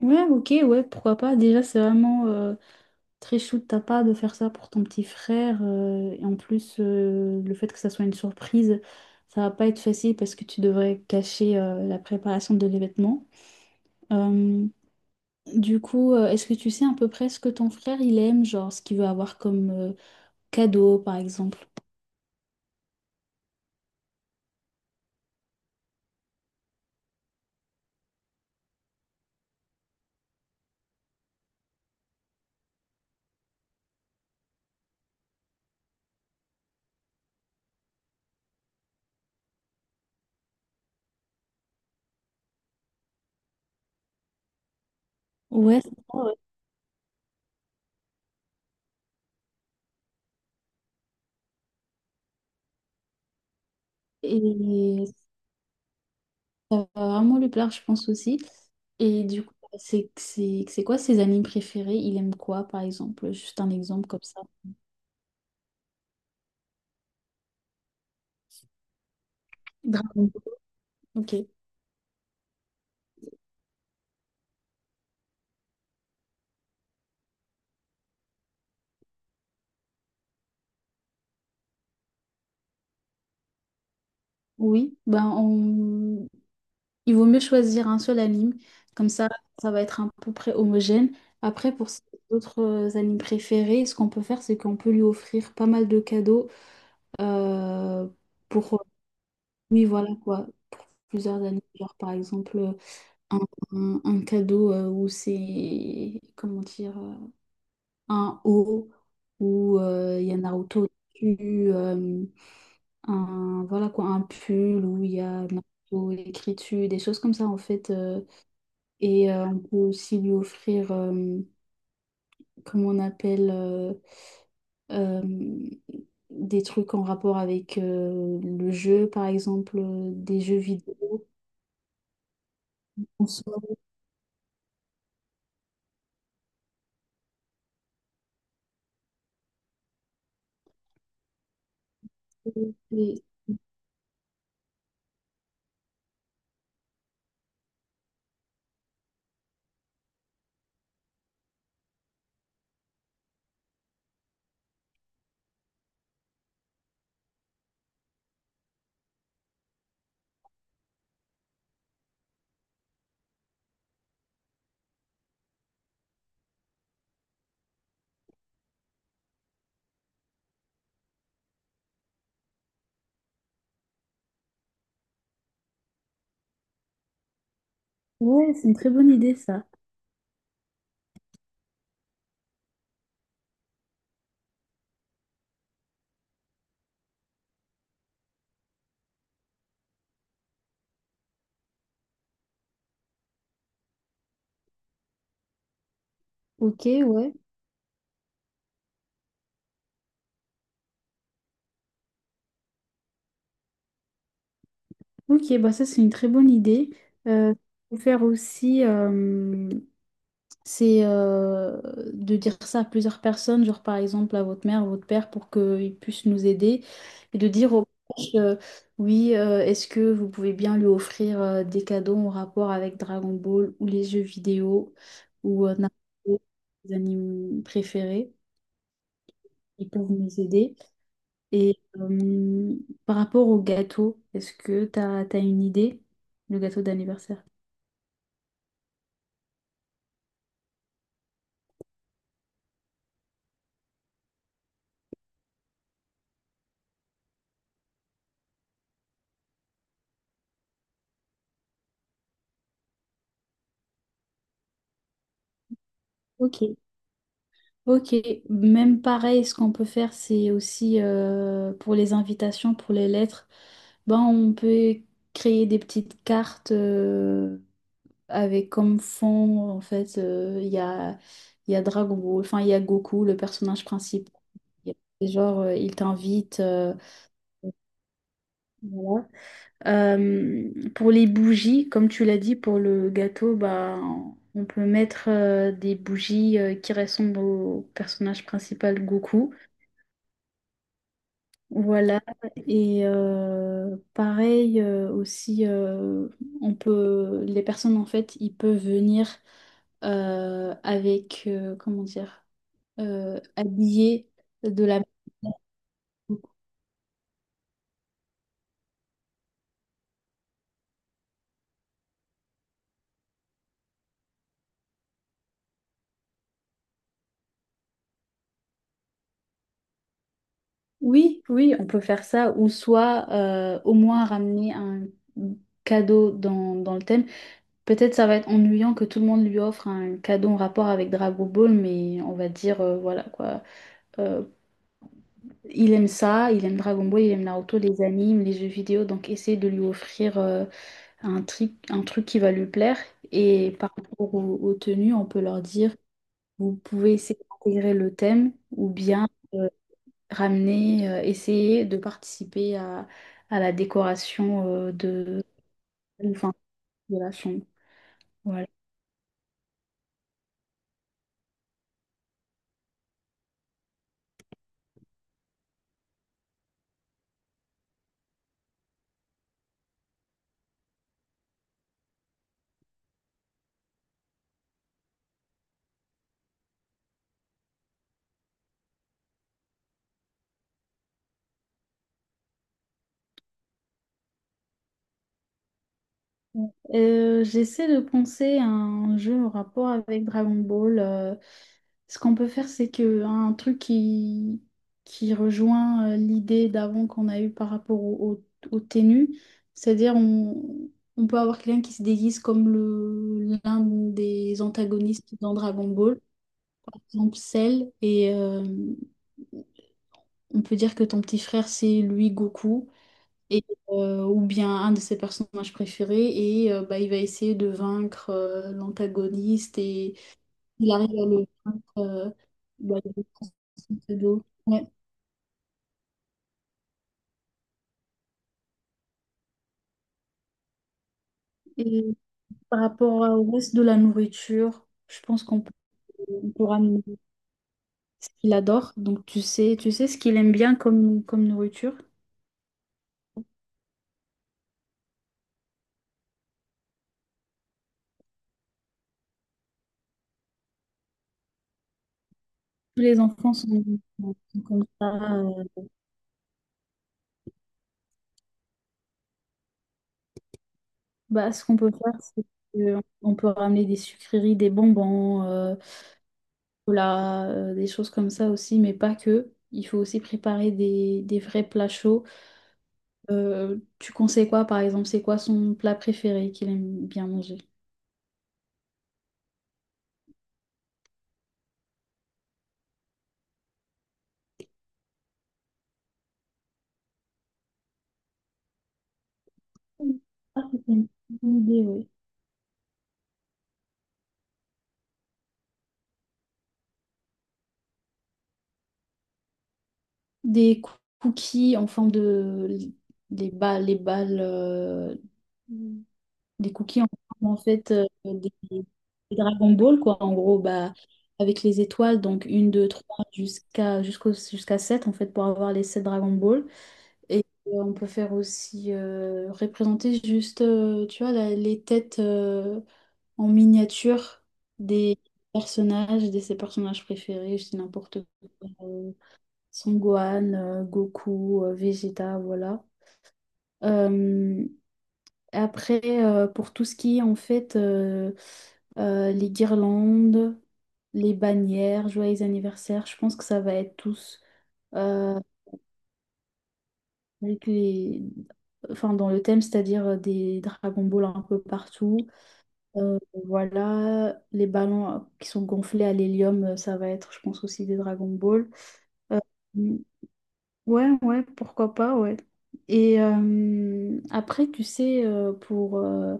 Ouais, ok, ouais, pourquoi pas. Déjà, c'est vraiment très chou de ta part de faire ça pour ton petit frère. Et en plus, le fait que ça soit une surprise, ça va pas être facile parce que tu devrais cacher la préparation de l'événement. Euh, du coup, est-ce que tu sais à peu près ce que ton frère il aime, genre ce qu'il veut avoir comme cadeau, par exemple? Ouais, c'est ça, ouais. Et ça va vraiment lui plaire, je pense aussi. Et du coup, c'est quoi ses animes préférés? Il aime quoi, par exemple? Juste un exemple comme ça. Dragon Ball. Ok. Oui, ben il vaut mieux choisir un seul anime. Comme ça va être à peu près homogène. Après, pour ses autres animes préférés, ce qu'on peut faire, c'est qu'on peut lui offrir pas mal de cadeaux euh, pour... oui, voilà quoi. Pour plusieurs animes. Genre, par exemple, un, un cadeau comment dire? Un haut où il y a Naruto dessus, un, voilà quoi, un pull où il y a Naruto écrit dessus, des choses comme ça en fait. Et on peut aussi lui offrir, comment on appelle, euh, des trucs en rapport avec le jeu, par exemple, des jeux vidéo. On se- Ouais, c'est une très bonne idée ça. Ok, ouais. Ok, bah ça c'est une très bonne idée. Euh, Faut faire aussi, c'est de dire ça à plusieurs personnes, genre par exemple à votre mère, votre père, pour qu'ils puissent nous aider et de dire aux proches, oui, est-ce que vous pouvez bien lui offrir des cadeaux en rapport avec Dragon Ball ou les jeux vidéo ou Naruto, les animes préférés, ils peuvent nous aider. Et par rapport au gâteau, est-ce que tu as une idée, le gâteau d'anniversaire? Ok, ok. Même pareil, ce qu'on peut faire, c'est aussi pour les invitations, pour les lettres, ben, on peut créer des petites cartes avec comme fond, en fait, il y a Dragon Ball, enfin, il y a Goku, le personnage principal. Il Genre, il t'invite. Voilà. Pour les bougies, comme tu l'as dit, pour le gâteau, bah, on peut mettre des bougies qui ressemblent au personnage principal Goku. Voilà, et pareil aussi, les personnes en fait, ils peuvent venir avec, comment dire, habillés de la... Oui, oui, on peut faire ça, ou soit au moins ramener un cadeau dans le thème. Peut-être ça va être ennuyant que tout le monde lui offre un cadeau en rapport avec Dragon Ball, mais on va dire, voilà quoi. Euh, Il aime ça, il aime Dragon Ball, il aime Naruto, les animes, les jeux vidéo, donc essaye de lui offrir un truc qui va lui plaire. Et par rapport aux tenues, on peut leur dire, vous pouvez essayer d'intégrer le thème ou bien euh, ramener, essayer de participer à la décoration de, enfin, de la chambre. Voilà. J'essaie de penser à un jeu en rapport avec Dragon Ball. Ce qu'on peut faire, c'est que un truc qui rejoint l'idée d'avant qu'on a eue par rapport au tenue, c'est-à-dire on peut avoir quelqu'un qui se déguise comme le l'un des antagonistes dans Dragon Ball, par exemple Cell, et on peut dire que ton petit frère, c'est lui Goku et, ou bien un de ses personnages préférés, et bah, il va essayer de vaincre l'antagoniste, et il arrive à le vaincre. Bah, il est conscient de l'eau. Ouais. Et par rapport au reste de la nourriture, je pense qu'on peut ramener ce qu'il adore. Donc tu sais ce qu'il aime bien comme nourriture. Tous les enfants sont comme ça. Bah, ce qu'on peut faire, c'est qu'on peut ramener des sucreries, des bonbons. Chocolat, des choses comme ça aussi, mais pas que. Il faut aussi préparer des vrais plats chauds. Tu conseilles quoi, par exemple? C'est quoi son plat préféré qu'il aime bien manger? Ah, c'est une bonne idée, oui. Des cou- Cookies en forme de, des balles, les balles, des cookies en forme, en fait, des Dragon Ball, quoi. En gros, bah, avec les étoiles, donc une, deux, trois, jusqu'à 7 en fait, pour avoir les 7 Dragon Ball. Et on peut faire aussi représenter juste, tu vois, les têtes en miniature des personnages, de ses personnages préférés, je dis n'importe quoi. Son Gohan, Goku, Vegeta, voilà. Euh, Après, pour tout ce qui est en fait les guirlandes, les bannières, joyeux anniversaire, je pense que ça va être tous. euh, avec les... enfin, dans le thème, c'est-à-dire des Dragon Ball un peu partout. Euh, voilà, les ballons qui sont gonflés à l'hélium, ça va être, je pense, aussi des Dragon Ball. Euh, ouais, ouais, pourquoi pas, ouais. Et après, tu sais,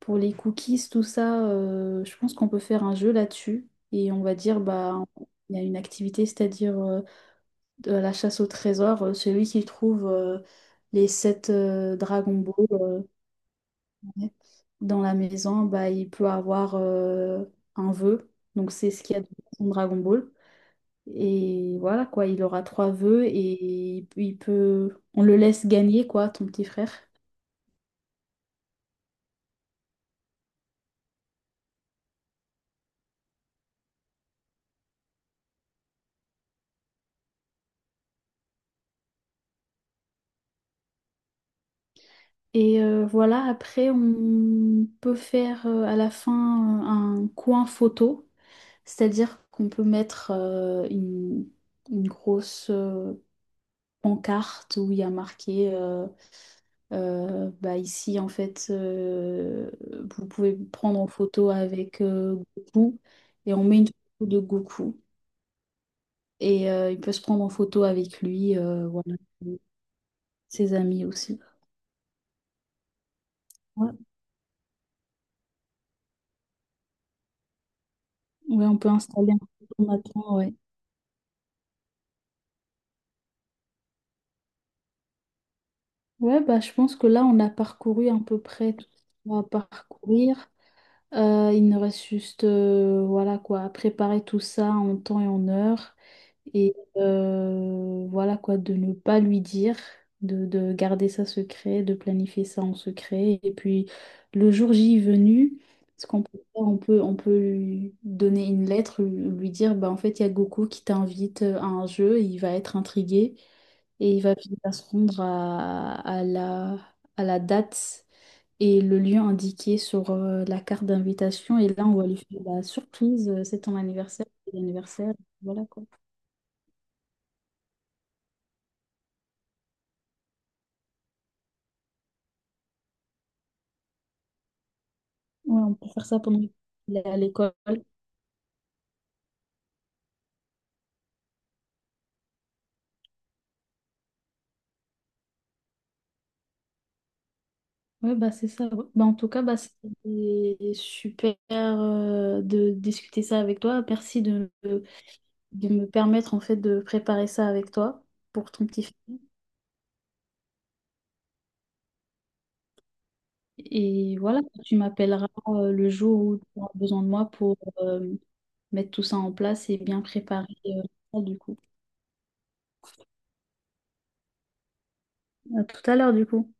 pour les cookies, tout ça, je pense qu'on peut faire un jeu là-dessus. Et on va dire, bah, il y a une activité, c'est-à-dire, de la chasse au trésor, celui qui trouve les sept Dragon Ball, ouais, dans la maison, bah, il peut avoir un vœu. Donc c'est ce qu'il y a dans son Dragon Ball. Et voilà quoi, il aura trois vœux et il peut, on le laisse gagner quoi, ton petit frère. Et voilà, après on peut faire à la fin un coin photo, c'est-à-dire qu'on peut mettre une grosse, pancarte où il y a marqué bah ici en fait, vous pouvez vous prendre en photo avec Goku, et on met une photo de Goku, et il peut se prendre en photo avec lui, voilà. Ses amis aussi, ouais. Ouais, on peut installer un photomaton, ouais. Ouais, bah je pense que là on a parcouru à peu près tout ce qu'on va parcourir. Il nous reste juste voilà quoi, à préparer tout ça en temps et en heure. Et voilà quoi, de ne pas lui dire, de garder ça secret, de planifier ça en secret. Et puis le jour J venu, ce qu'on peut faire, on peut lui donner une lettre, lui dire bah, en fait, il y a Goku qui t'invite à un jeu, il va être intrigué et il va finir par se rendre à la date et le lieu indiqué sur la carte d'invitation. Et là, on va lui faire la surprise, c'est ton anniversaire, c'est l'anniversaire, voilà quoi. Ouais, on peut faire ça pendant qu'il est à l'école. Ouais, bah c'est ça. Ouais. Bah, en tout cas, bah, c'était super de discuter ça avec toi. Merci de me permettre en fait de préparer ça avec toi pour ton petit film. Et voilà, tu m'appelleras le jour où tu auras besoin de moi pour mettre tout ça en place et bien préparer ça du coup. À tout à l'heure, du coup.